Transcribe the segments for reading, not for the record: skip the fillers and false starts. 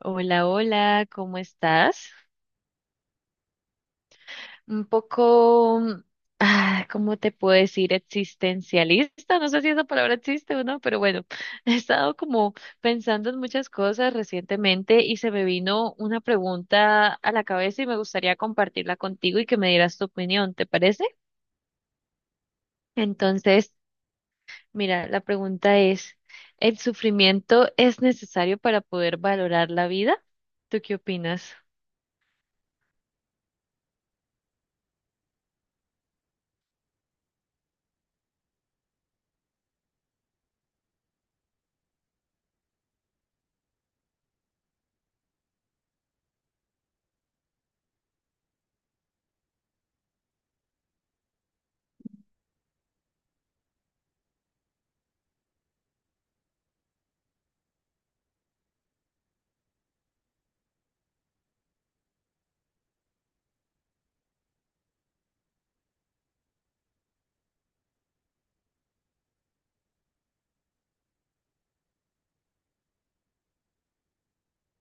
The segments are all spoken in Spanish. Hola, hola, ¿cómo estás? Un poco, ¿cómo te puedo decir? Existencialista, no sé si esa palabra existe o no, pero bueno, he estado como pensando en muchas cosas recientemente y se me vino una pregunta a la cabeza y me gustaría compartirla contigo y que me dieras tu opinión, ¿te parece? Entonces, mira, la pregunta es, ¿el sufrimiento es necesario para poder valorar la vida? ¿Tú qué opinas?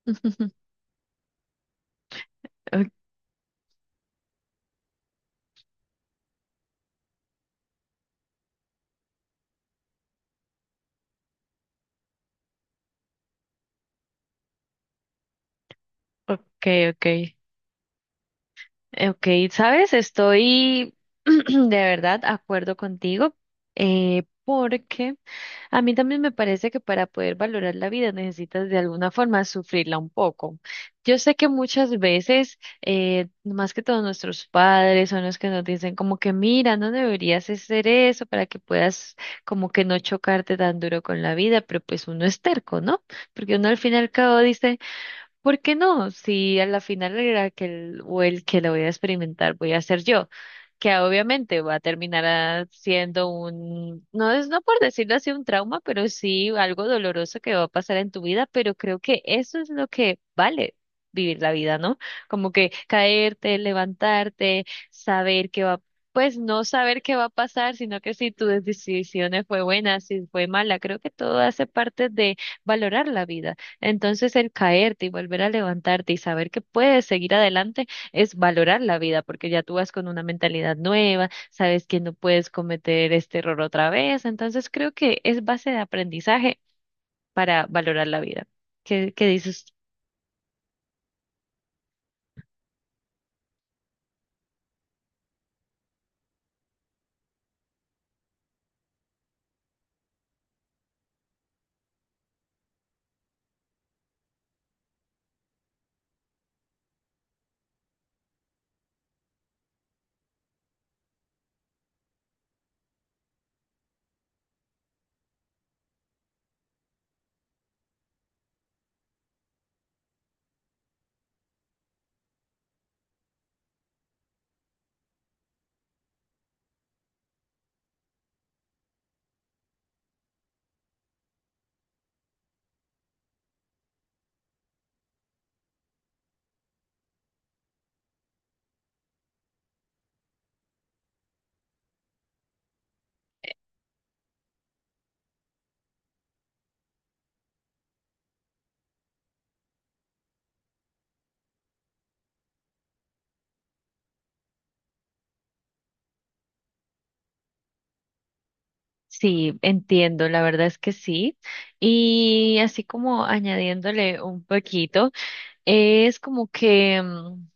Ok, ok. Ok, sabes, estoy de verdad acuerdo contigo, porque a mí también me parece que para poder valorar la vida necesitas de alguna forma sufrirla un poco. Yo sé que muchas veces, más que todos nuestros padres son los que nos dicen como que mira, no deberías hacer eso para que puedas como que no chocarte tan duro con la vida, pero pues uno es terco, ¿no? Porque uno al fin y al cabo dice... ¿Por qué no? Si a la final el Raquel o el que lo voy a experimentar voy a ser yo, que obviamente va a terminar siendo un, no es no por decirlo así un trauma, pero sí algo doloroso que va a pasar en tu vida, pero creo que eso es lo que vale vivir la vida, ¿no? Como que caerte, levantarte, saber que va, pues no saber qué va a pasar, sino que si tu decisión fue buena, si fue mala, creo que todo hace parte de valorar la vida. Entonces el caerte y volver a levantarte y saber que puedes seguir adelante es valorar la vida, porque ya tú vas con una mentalidad nueva, sabes que no puedes cometer este error otra vez. Entonces creo que es base de aprendizaje para valorar la vida. ¿Qué dices? Sí, entiendo, la verdad es que sí. Y así como añadiéndole un poquito, es como que...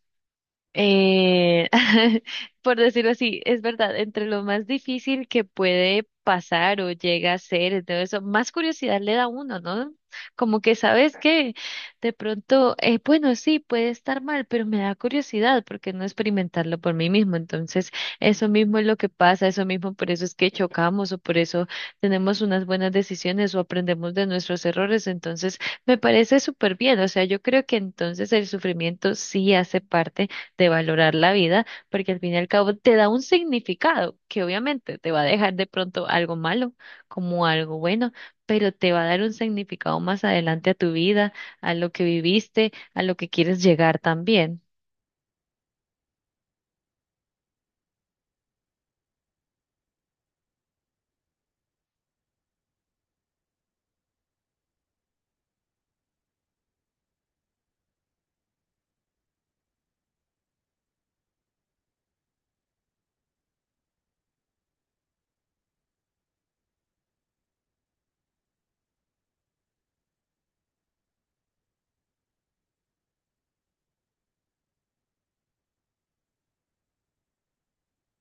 Eh, por decirlo así, es verdad, entre lo más difícil que puede pasar o llega a ser, y todo eso, más curiosidad le da a uno, ¿no? Como que sabes que de pronto, bueno, sí, puede estar mal, pero me da curiosidad porque no experimentarlo por mí mismo. Entonces, eso mismo es lo que pasa, eso mismo, por eso es que chocamos o por eso tenemos unas buenas decisiones o aprendemos de nuestros errores. Entonces, me parece súper bien. O sea, yo creo que entonces el sufrimiento sí hace parte de valorar la vida, porque al fin y al cabo te da un significado que obviamente te va a dejar de pronto algo malo como algo bueno, pero te va a dar un significado más adelante a tu vida, a lo que viviste, a lo que quieres llegar también.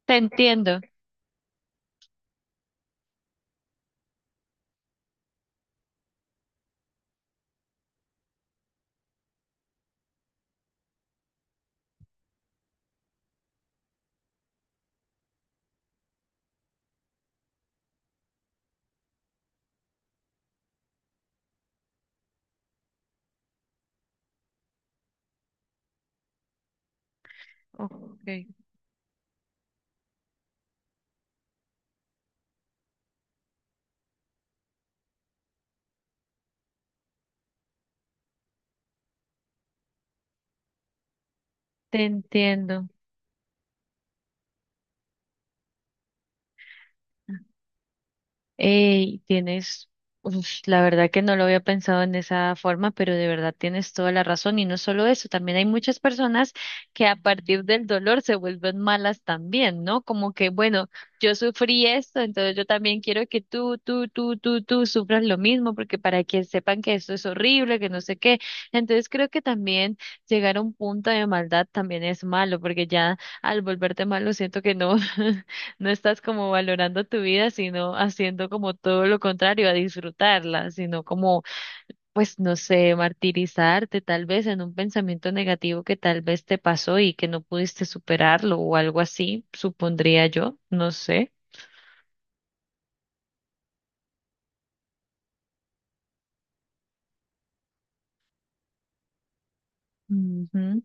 Te entiendo. Ok, te entiendo. Ey, tienes, uf, la verdad que no lo había pensado en esa forma, pero de verdad tienes toda la razón. Y no solo eso, también hay muchas personas que a partir del dolor se vuelven malas también, ¿no? Como que, bueno, yo sufrí esto, entonces yo también quiero que tú sufras lo mismo, porque para que sepan que esto es horrible, que no sé qué. Entonces creo que también llegar a un punto de maldad también es malo, porque ya al volverte malo siento que no. No estás como valorando tu vida, sino haciendo como todo lo contrario, a disfrutarla, sino como, pues no sé, martirizarte tal vez en un pensamiento negativo que tal vez te pasó y que no pudiste superarlo o algo así, supondría yo, no sé. Ujú.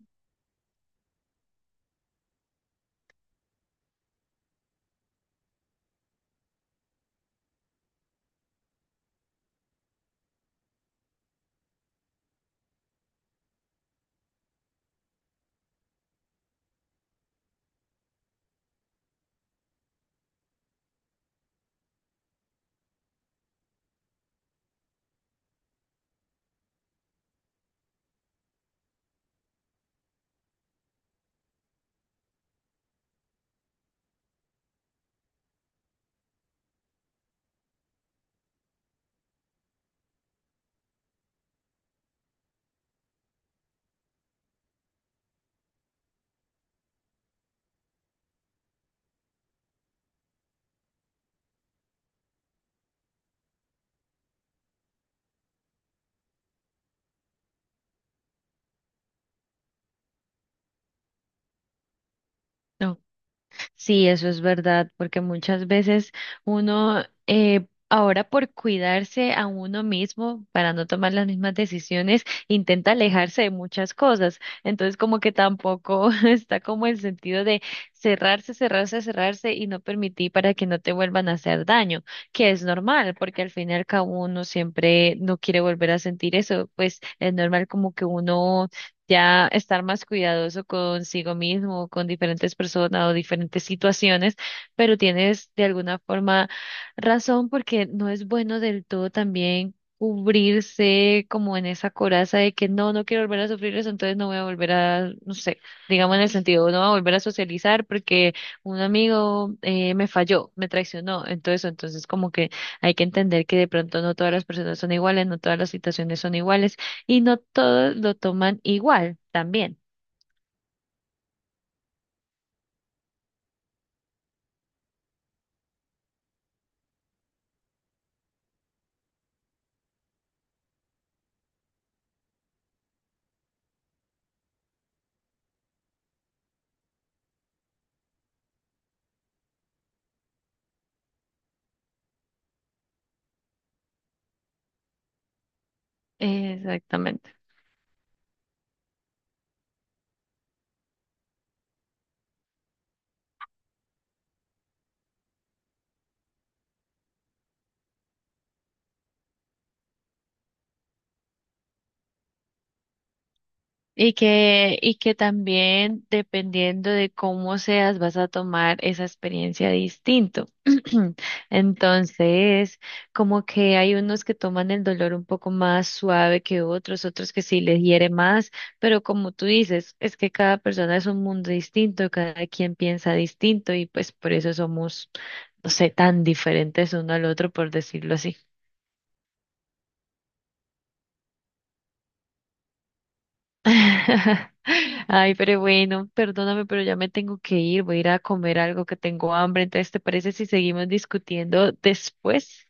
Ok, sí, eso es verdad, porque muchas veces uno, ahora por cuidarse a uno mismo, para no tomar las mismas decisiones, intenta alejarse de muchas cosas. Entonces, como que tampoco está como el sentido de cerrarse y no permitir para que no te vuelvan a hacer daño, que es normal, porque al fin y al cabo uno siempre no quiere volver a sentir eso, pues es normal como que uno ya estar más cuidadoso consigo mismo, con diferentes personas o diferentes situaciones, pero tienes de alguna forma razón porque no es bueno del todo también cubrirse como en esa coraza de que no, no quiero volver a sufrir eso, entonces no voy a volver a, no sé, digamos en el sentido, no voy a volver a socializar porque un amigo me falló, me traicionó, entonces como que hay que entender que de pronto no todas las personas son iguales, no todas las situaciones son iguales y no todos lo toman igual también. Exactamente. Y que también dependiendo de cómo seas, vas a tomar esa experiencia distinto. Entonces, como que hay unos que toman el dolor un poco más suave que otros, otros que sí les hiere más, pero como tú dices, es que cada persona es un mundo distinto, cada quien piensa distinto y pues por eso somos, no sé, tan diferentes uno al otro, por decirlo así. Ay, pero bueno, perdóname, pero ya me tengo que ir, voy a ir a comer algo que tengo hambre, entonces ¿te parece si seguimos discutiendo después?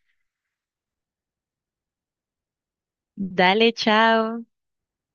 Dale, chao.